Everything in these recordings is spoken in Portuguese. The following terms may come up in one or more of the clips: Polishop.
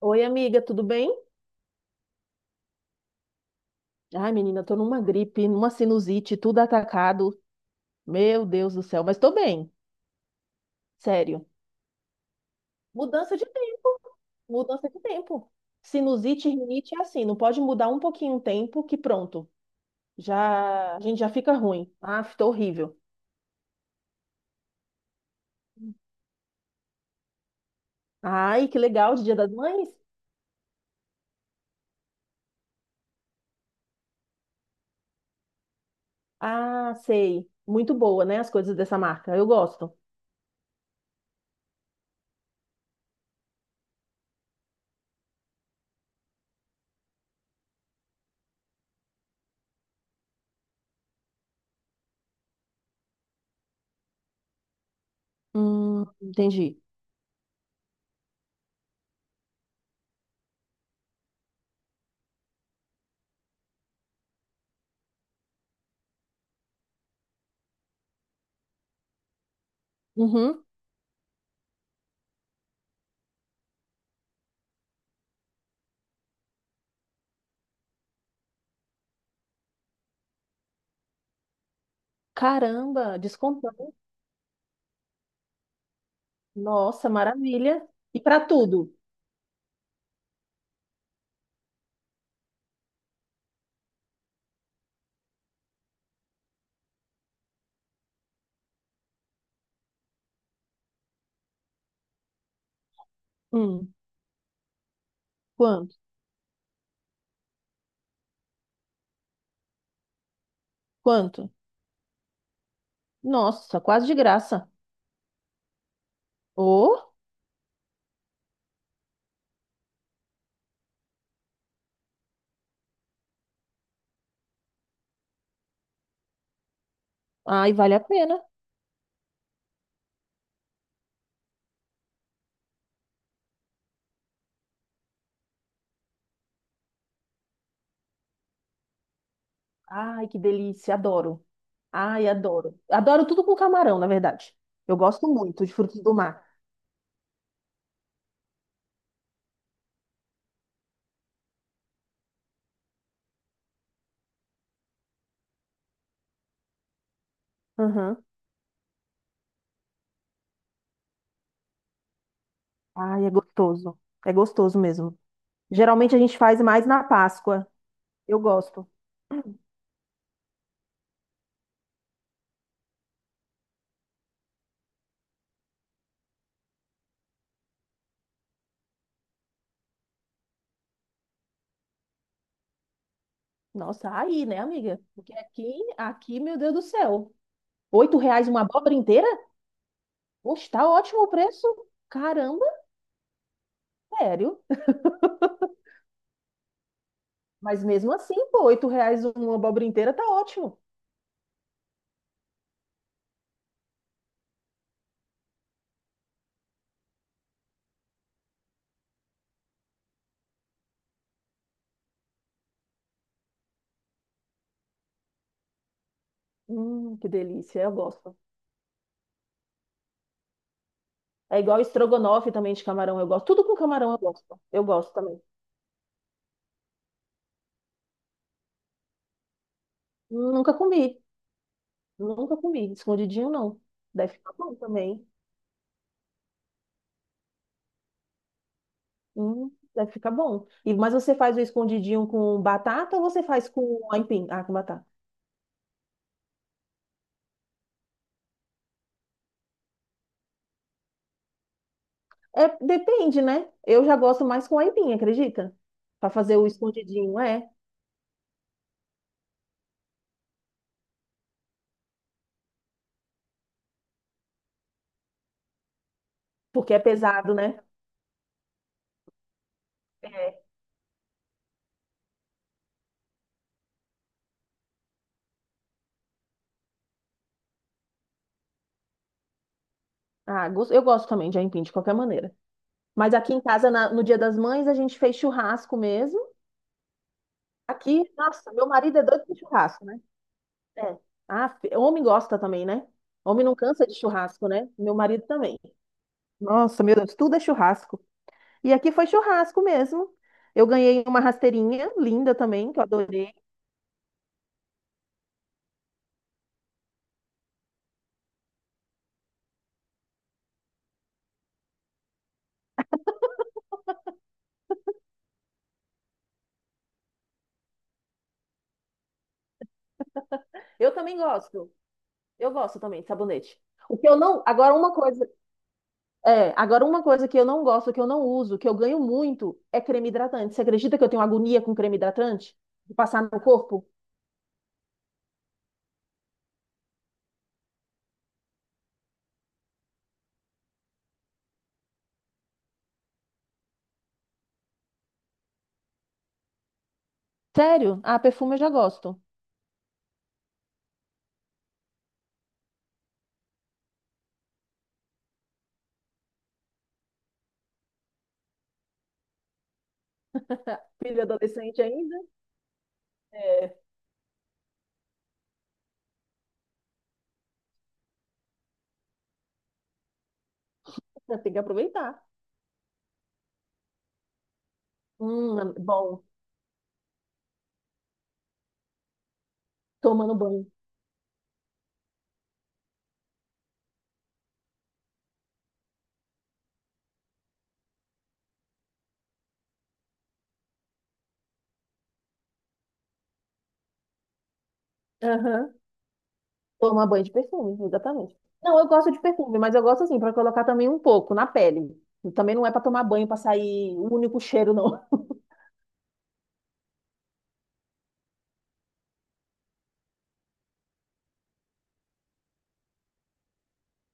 Oi, amiga, tudo bem? Ai, menina, tô numa gripe, numa sinusite, tudo atacado. Meu Deus do céu, mas tô bem, sério. Mudança de tempo, mudança de tempo. Sinusite e rinite é assim, não pode mudar um pouquinho o tempo que pronto, já a gente já fica ruim. Ah, tô horrível. Ai, que legal, de Dia das Mães? Ah, sei. Muito boa, né, as coisas dessa marca. Eu gosto. Entendi. Uhum. Caramba, descontão. Nossa, maravilha. E pra tudo? Hum, quanto? Quanto? Nossa, quase de graça. Oh, ai, vale a pena. Ai, que delícia, adoro. Ai, adoro. Adoro tudo com camarão, na verdade. Eu gosto muito de frutos do mar. Uhum. Ai, é gostoso. É gostoso mesmo. Geralmente a gente faz mais na Páscoa. Eu gosto. Nossa, aí, né, amiga? Porque aqui, meu Deus do céu. R$ 8 uma abóbora inteira? Poxa, tá ótimo o preço. Caramba, sério. Mas mesmo assim, pô, R$ 8 uma abóbora inteira tá ótimo. Que delícia, eu gosto. É igual estrogonofe também de camarão, eu gosto. Tudo com camarão eu gosto. Eu gosto também. Nunca comi, nunca comi. Escondidinho não. Deve ficar bom também. Deve ficar bom. E, mas você faz o escondidinho com batata ou você faz com aipim? Ah, com batata. É, depende, né? Eu já gosto mais com aipim, acredita? Pra fazer o escondidinho, é. Porque é pesado, né? É. Ah, eu gosto também de aipim, de qualquer maneira. Mas aqui em casa, no Dia das Mães, a gente fez churrasco mesmo. Aqui, nossa, meu marido é doido por churrasco, né? É. Ah, homem gosta também, né? Homem não cansa de churrasco, né? Meu marido também. Nossa, meu Deus, tudo é churrasco. E aqui foi churrasco mesmo. Eu ganhei uma rasteirinha linda também, que eu adorei. Eu também gosto. Eu gosto também de sabonete. O que eu não. Agora, uma coisa. É, agora uma coisa que eu não gosto, que eu não uso, que eu ganho muito, é creme hidratante. Você acredita que eu tenho agonia com creme hidratante? De passar no corpo? Sério? Ah, perfume eu já gosto. Filho adolescente ainda, é, tem que aproveitar. Bom, tomando banho. Aham, tomar banho de perfume, exatamente. Não, eu gosto de perfume, mas eu gosto assim, para colocar também um pouco na pele. Também não é para tomar banho, para sair o único cheiro, não.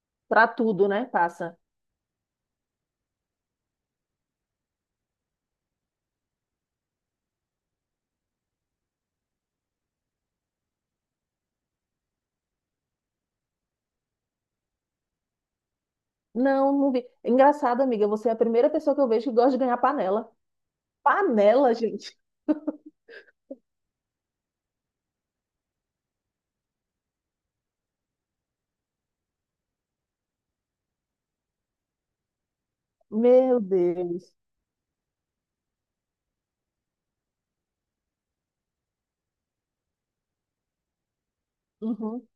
Para tudo, né? Passa. Não, não vi. Engraçado, amiga, você é a primeira pessoa que eu vejo que gosta de ganhar panela. Panela, gente. Meu Deus. Uhum.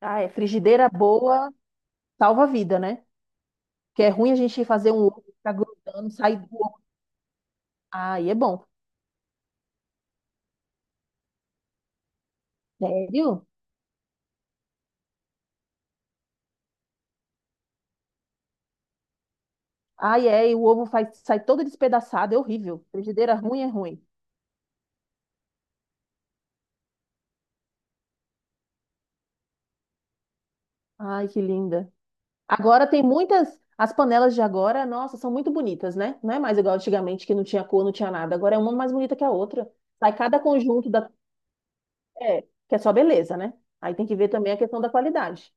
Ah, é. Frigideira boa salva a vida, né? Que é ruim a gente fazer um ovo ficar grudando, sair do ovo. Ai, é bom. Sério? Ai, é, e o ovo faz, sai todo despedaçado, é horrível. Frigideira ruim é ruim. Ai, que linda. Agora tem muitas. As panelas de agora, nossa, são muito bonitas, né? Não é mais igual antigamente que não tinha cor, não tinha nada. Agora é uma mais bonita que a outra. Sai cada conjunto da. É, que é só beleza, né? Aí tem que ver também a questão da qualidade.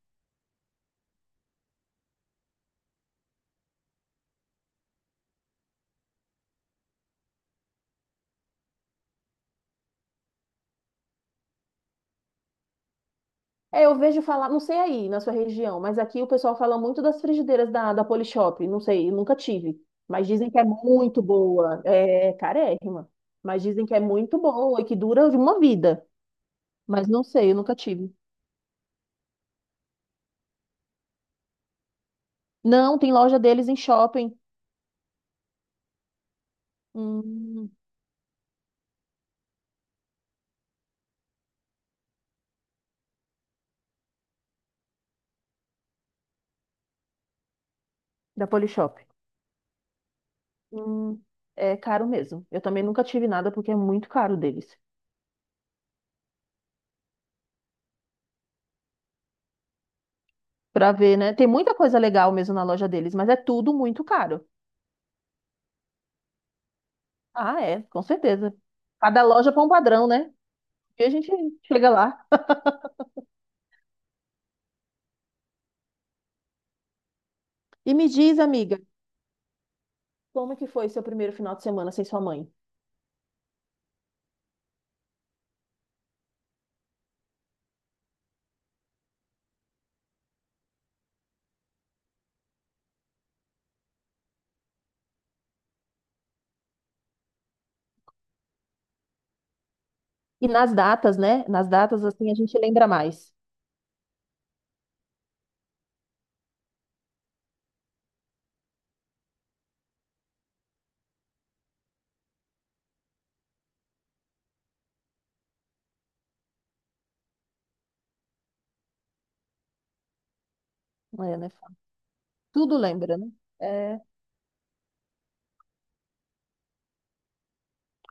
É, eu vejo falar, não sei aí na sua região, mas aqui o pessoal fala muito das frigideiras da Polishop. Não sei, eu nunca tive. Mas dizem que é muito boa. É carérrima. Mas dizem que é muito boa e que dura de uma vida. Mas não sei, eu nunca tive. Não, tem loja deles em shopping. Hum, da Polishop. Hum, é caro mesmo. Eu também nunca tive nada porque é muito caro deles. Pra ver, né? Tem muita coisa legal mesmo na loja deles, mas é tudo muito caro. Ah, é, com certeza. Cada loja põe um padrão, né? E a gente chega lá. E me diz, amiga, como é que foi seu primeiro final de semana sem sua mãe? E nas datas, né? Nas datas, assim, a gente lembra mais. É, né? Tudo lembra, né? É,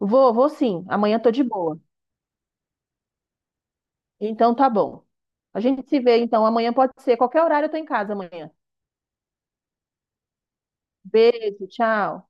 vou sim. Amanhã tô de boa. Então tá bom. A gente se vê, então. Amanhã pode ser. Qualquer horário eu tô em casa amanhã. Beijo, tchau.